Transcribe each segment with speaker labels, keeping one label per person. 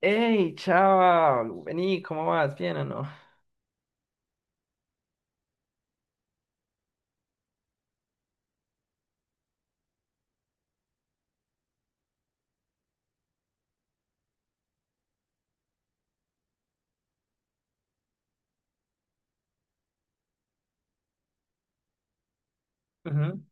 Speaker 1: Hey, chao, vení, ¿cómo vas? ¿Bien o no? Ujú.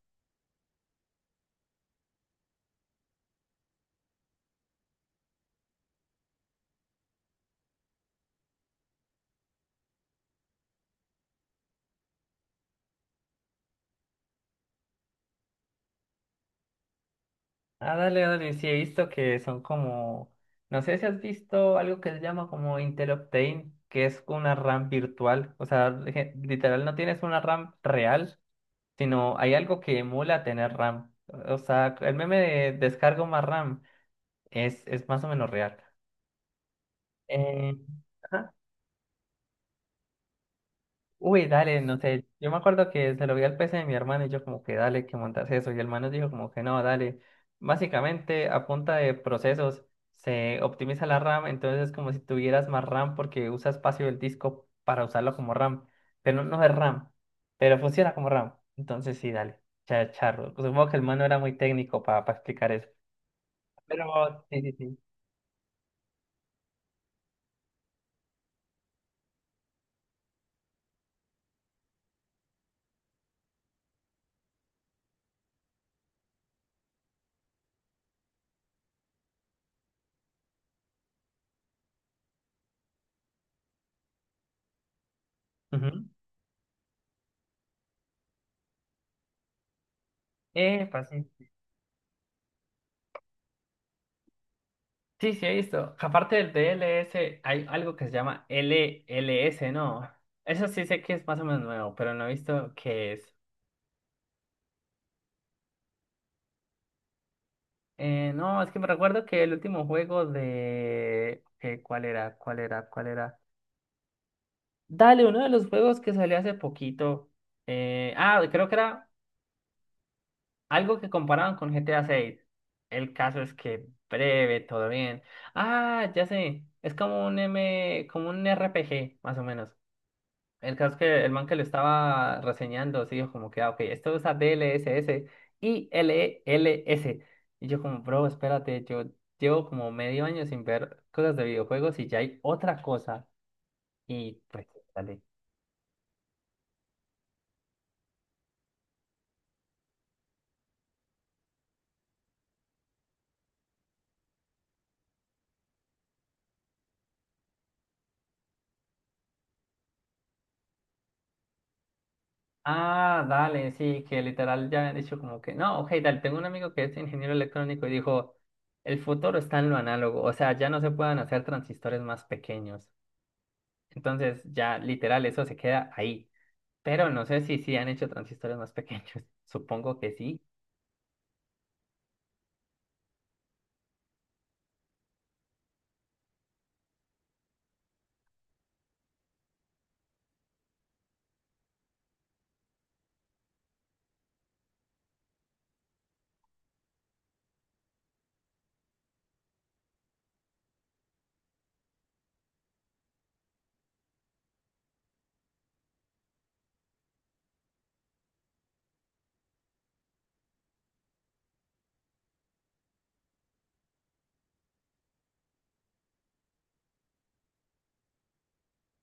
Speaker 1: Ah, dale, dale, sí he visto que son como, no sé si has visto algo que se llama como Intel Optane, que es una RAM virtual, o sea, literal no tienes una RAM real, sino hay algo que emula tener RAM, o sea, el meme de descargo más RAM es más o menos real. Eh, ajá. Uy, dale, no sé, yo me acuerdo que se lo vi al PC de mi hermano y yo como que dale, que montas eso, y el man nos dijo como que no, dale, básicamente a punta de procesos se optimiza la RAM, entonces es como si tuvieras más RAM porque usa espacio del disco para usarlo como RAM, pero no, no es RAM, pero funciona como RAM, entonces sí, dale, charro, supongo que el man no era muy técnico para explicar eso, pero sí, sí, sí. Ujú. Epa, sí. Sí, sí, he visto. Aparte del DLS hay algo que se llama LLS, ¿no? Eso sí sé que es más o menos nuevo, pero no he visto qué es. No, es que me recuerdo que el último juego de¿cuál era? ¿Cuál era? ¿Cuál era? Dale, uno de los juegos que salió hace poquito. Ah, creo que era algo que comparaban con GTA 6. El caso es que breve, todo bien. Ah, ya sé. Es como un M, como un RPG más o menos. El caso es que el man que lo estaba reseñando, sí, dijo como que, ah, ok, esto usa DLSS y LLS. Y yo como, bro, espérate, yo llevo como medio año sin ver cosas de videojuegos y ya hay otra cosa. Y pues, dale. Ah, dale, sí, que literal ya han dicho como que, no, ok, dale, tengo un amigo que es ingeniero electrónico y dijo, el futuro está en lo análogo, o sea, ya no se pueden hacer transistores más pequeños. Entonces, ya literal, eso se queda ahí. Pero no sé si sí han hecho transistores más pequeños. Supongo que sí.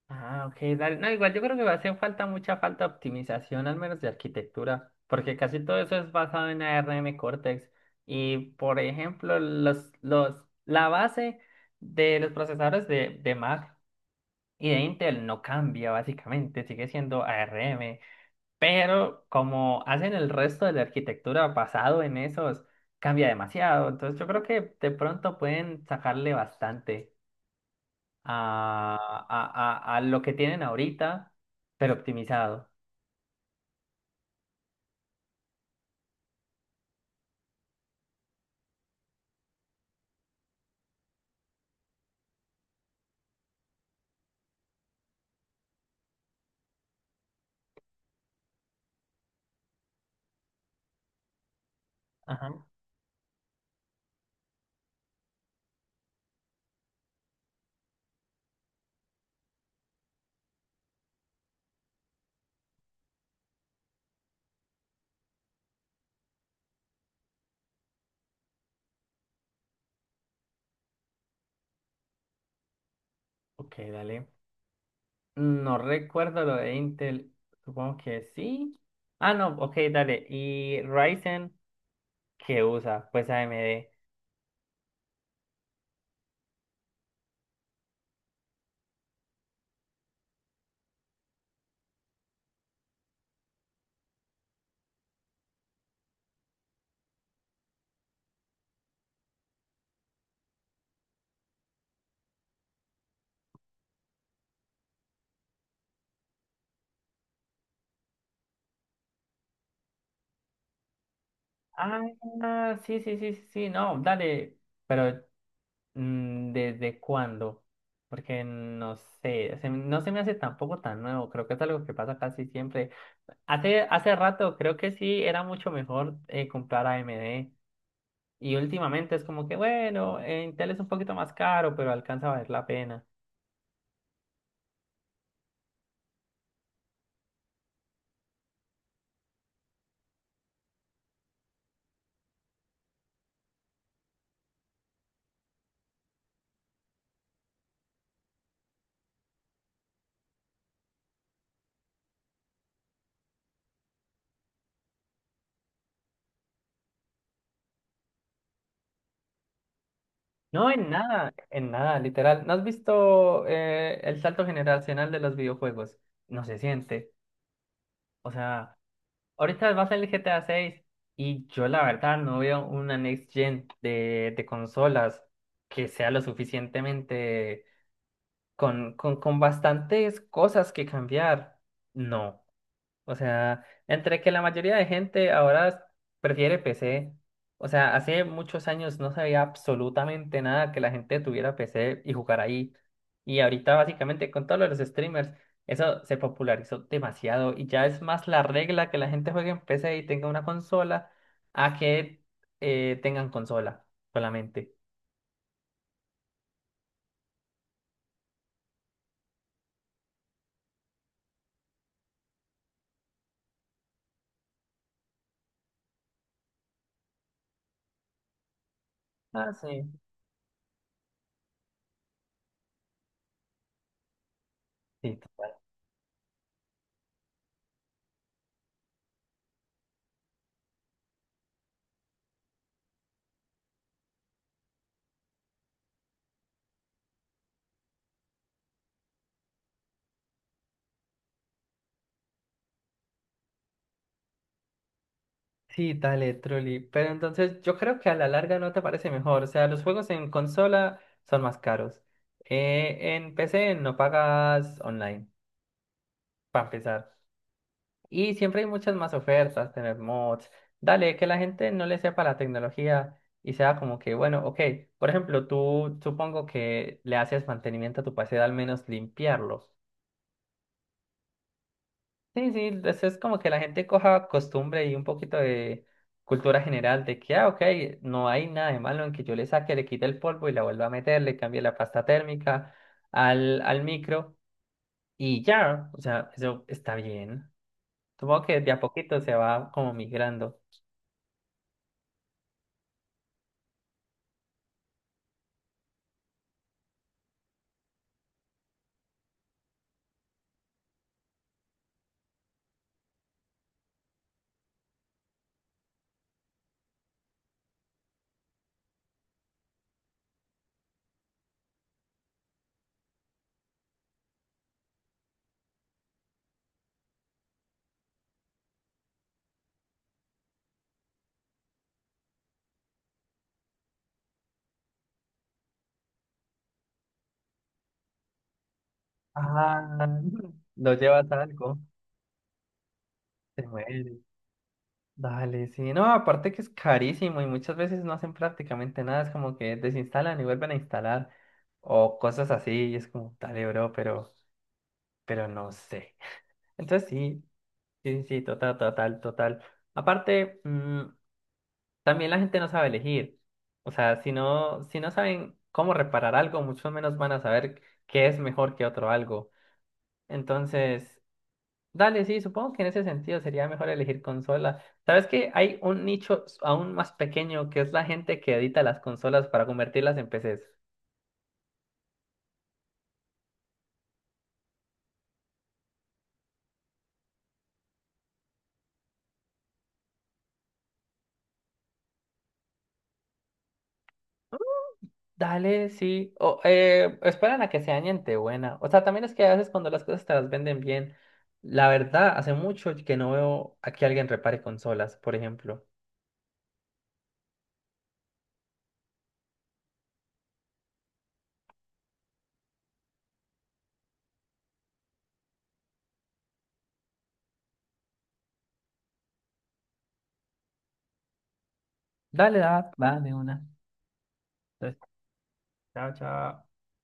Speaker 1: Ah, ok, dale. No, igual yo creo que va a hacer falta mucha falta de optimización, al menos de arquitectura, porque casi todo eso es basado en ARM Cortex. Y por ejemplo, los, la base de los procesadores de Mac y de Intel no cambia básicamente, sigue siendo ARM. Pero como hacen el resto de la arquitectura basado en esos, cambia demasiado. Entonces yo creo que de pronto pueden sacarle bastante a lo que tienen ahorita, pero optimizado. Ajá. Ok, dale. No recuerdo lo de Intel. Supongo que sí. Ah, no, ok, dale. ¿Y Ryzen qué usa? Pues AMD. Ah, sí, sí, sí, sí, sí, no, dale. Pero ¿desde cuándo? Porque no sé, no se me hace tampoco tan nuevo, creo que es algo que pasa casi siempre. Hace rato creo que sí era mucho mejor comprar AMD. Y últimamente es como que bueno, Intel es un poquito más caro, pero alcanza a valer la pena. No, en nada, literal. ¿No has visto el salto generacional de los videojuegos? No se siente. O sea. Ahorita va a salir GTA 6, y yo la verdad no veo una next gen de consolas que sea lo suficientemente con bastantes cosas que cambiar. No. O sea, entre que la mayoría de gente ahora prefiere PC, o sea, hace muchos años no sabía absolutamente nada que la gente tuviera PC y jugar ahí. Y ahorita básicamente con todos los streamers, eso se popularizó demasiado y ya es más la regla que la gente juegue en PC y tenga una consola a que tengan consola solamente. Ah, sí. Sí, sí, dale, truly. Pero entonces yo creo que a la larga no te parece mejor. O sea, los juegos en consola son más caros. En PC no pagas online, para empezar. Y siempre hay muchas más ofertas, tener mods. Dale, que la gente no le sepa la tecnología y sea como que, bueno, ok, por ejemplo, tú supongo que le haces mantenimiento a tu PC, al menos limpiarlo. Sí, sí, eso es como que la gente coja costumbre y un poquito de cultura general de que, ah, ok, no hay nada de malo en que yo le saque, le quite el polvo y la vuelva a meter, le cambie la pasta térmica al micro y ya, o sea, eso está bien. Supongo que de a poquito se va como migrando. Ah, lo llevas a algo, se muere. Dale, sí, no, aparte que es carísimo y muchas veces no hacen prácticamente nada, es como que desinstalan y vuelven a instalar o cosas así y es como, dale, bro, pero no sé. Entonces sí, sí, sí, total, total, total. Aparte, también la gente no sabe elegir, o sea, si no saben cómo reparar algo, mucho menos van a saber qué es mejor que otro algo. Entonces, dale, sí, supongo que en ese sentido sería mejor elegir consola. ¿Sabes que hay un nicho aún más pequeño que es la gente que edita las consolas para convertirlas en PCs? Dale, sí. O esperan a que se añente buena. O sea, también es que a veces cuando las cosas te las venden bien, la verdad, hace mucho que no veo a que alguien repare consolas, por ejemplo. Dale, da, va de una. Entonces, chao, chao.